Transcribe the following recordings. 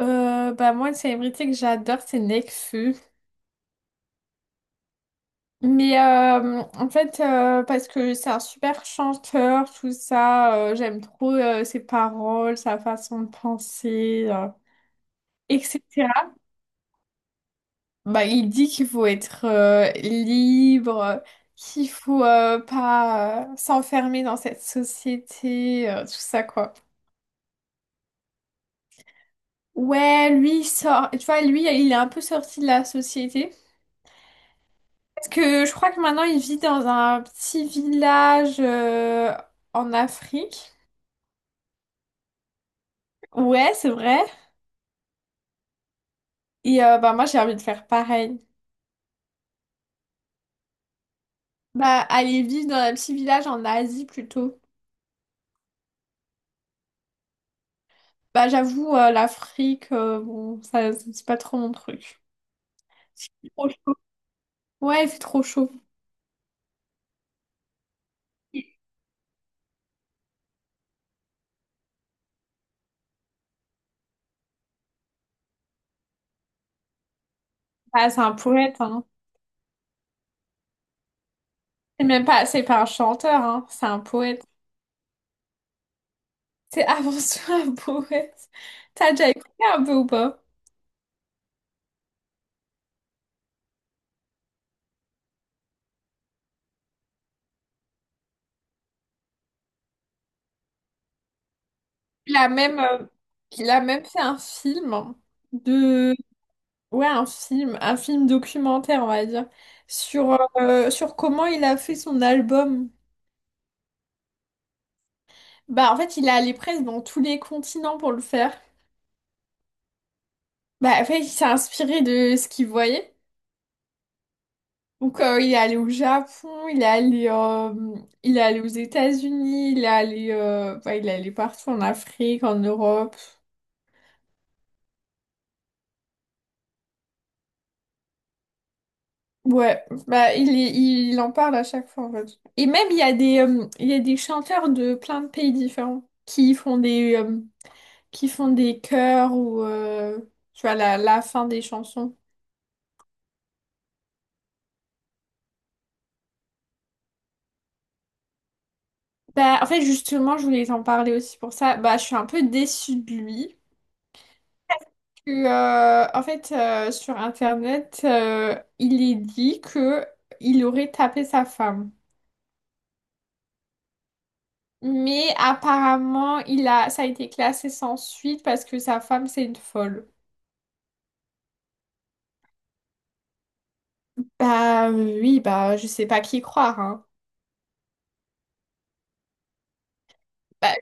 Bah moi, une célébrité que j'adore, c'est Nekfeu. Mais en fait, parce que c'est un super chanteur, tout ça, j'aime trop ses paroles, sa façon de penser, etc. Bah, il dit qu'il faut être libre, qu'il faut pas s'enfermer dans cette société, tout ça, quoi. Ouais, lui, il sort, tu vois, lui, il est un peu sorti de la société. Parce que je crois que maintenant il vit dans un petit village en Afrique. Ouais, c'est vrai. Bah moi j'ai envie de faire pareil. Bah aller vivre dans un petit village en Asie plutôt. Bah j'avoue l'Afrique, bon ça c'est pas trop mon truc. Il fait trop chaud. Ouais, il fait trop chaud. Bah c'est un poète hein. C'est pas un chanteur hein, c'est un poète. C'est avant tout un poète. T'as déjà écouté un peu ou pas? Il a même, fait un film de, ouais, un film documentaire, on va dire, sur, sur comment il a fait son album. Bah, en fait, il est allé presque dans tous les continents pour le faire. Bah, en fait, il s'est inspiré de ce qu'il voyait. Donc il est allé au Japon, il est allé aux États-Unis, il est allé, bah, il est allé partout en Afrique, en Europe. Ouais, bah il en parle à chaque fois en fait. Et même il y a des chanteurs de plein de pays différents qui font des chœurs ou tu vois la fin des chansons. Bah en fait justement je voulais t'en parler aussi pour ça. Bah je suis un peu déçue de lui. Que, en fait Sur internet il est dit que il aurait tapé sa femme. Mais apparemment il a ça a été classé sans suite parce que sa femme c'est une folle. Bah oui, bah je sais pas qui croire, hein. Bah,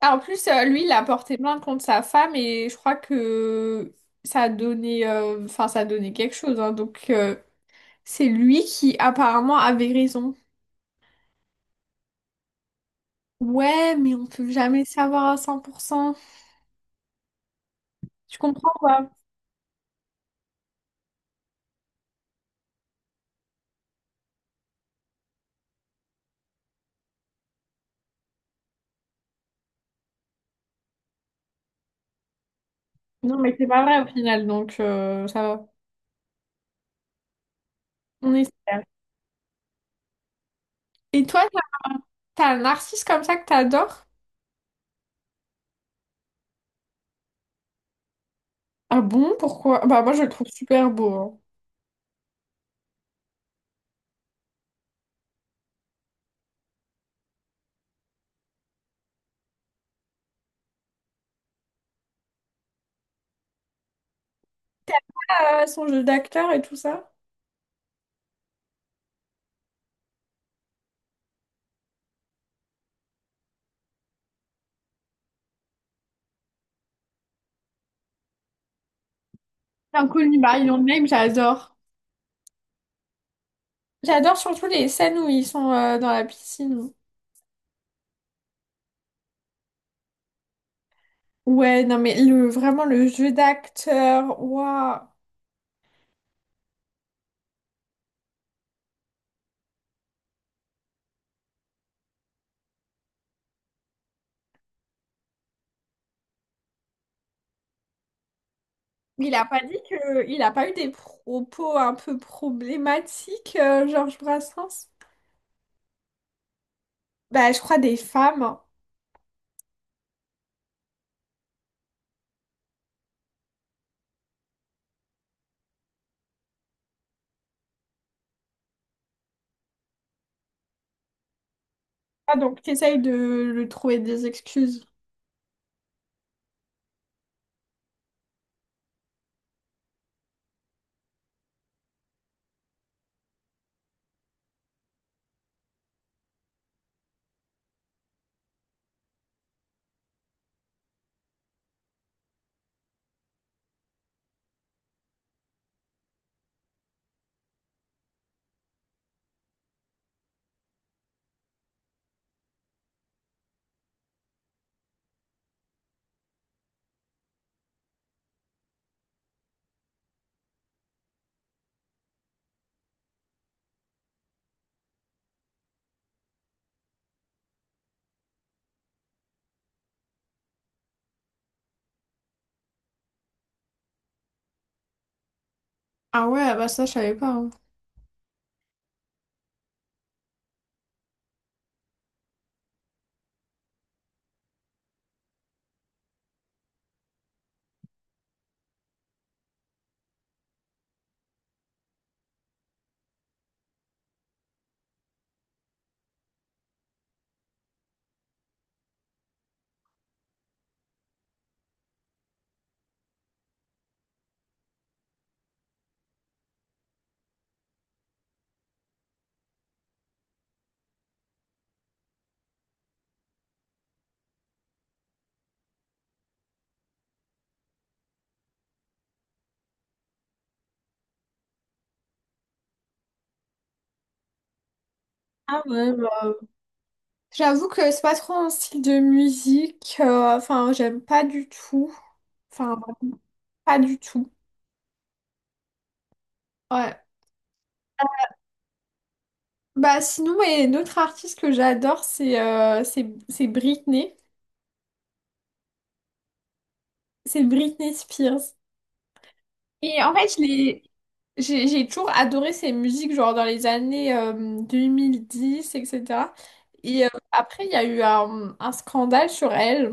ah, en plus, lui, il a porté plainte contre sa femme et je crois que ça a donné, enfin, ça a donné quelque chose, hein. Donc c'est lui qui apparemment avait raison. Ouais, mais on peut jamais savoir à 100%. Tu comprends quoi? Non, mais c'est pas vrai au final, donc ça va. On espère. Et toi, t'as un narcisse comme ça que t'adores? Ah bon, pourquoi? Bah moi, je le trouve super beau, hein. Son jeu d'acteur et tout ça. Call Me By Your Name, j'adore. J'adore surtout les scènes où ils sont dans la piscine. Ouais, non mais le vraiment le jeu d'acteur, waouh. Il a pas eu des propos un peu problématiques, Georges Brassens? Bah je crois des femmes. Ah donc t'essayes de le trouver des excuses. Ah ouais, bah ça je savais pas, hein. Ah ouais, bah, j'avoue que c'est pas trop un style de musique, enfin j'aime pas du tout. Enfin pas du tout. Ouais. Bah sinon, et une autre artiste que j'adore, c'est Britney. C'est Britney Spears. Et en fait, je l'ai- j'ai toujours adoré ses musiques, genre dans les années 2010, etc. Et cetera. Et après, il y a eu un scandale sur elle.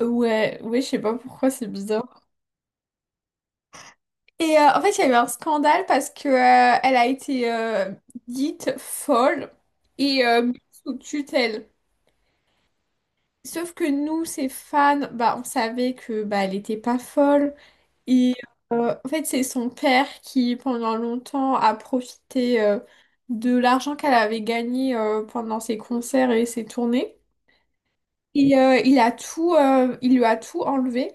Ouais, ouais, je sais pas pourquoi, c'est bizarre. Et en fait, il y a eu un scandale parce que elle a été dite folle et mise sous tutelle. Sauf que nous, ses fans, bah, on savait que bah, elle était pas folle. Et En fait, c'est son père qui, pendant longtemps, a profité de l'argent qu'elle avait gagné pendant ses concerts et ses tournées. Et il lui a tout enlevé.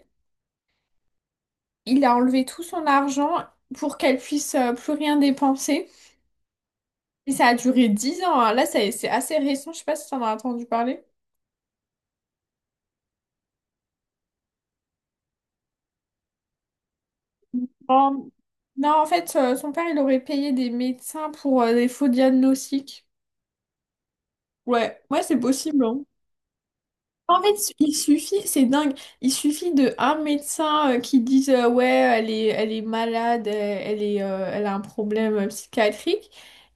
Il a enlevé tout son argent pour qu'elle puisse plus rien dépenser. Et ça a duré 10 ans, hein. Là, c'est assez récent. Je sais pas si t'en as entendu parler. Non, non, en fait, son père, il aurait payé des médecins pour des faux diagnostics. Ouais, ouais, c'est possible, hein. En fait, il suffit, c'est dingue, il suffit de un médecin qui dise ouais, elle est malade, elle a un problème psychiatrique,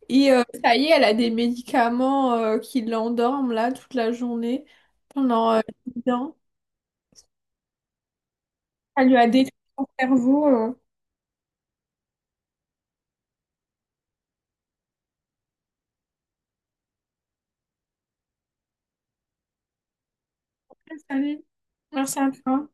et ça y est, elle a des médicaments qui l'endorment là toute la journée pendant dix ans. Ça lui a détruit son cerveau, euh. Salut, merci à toi.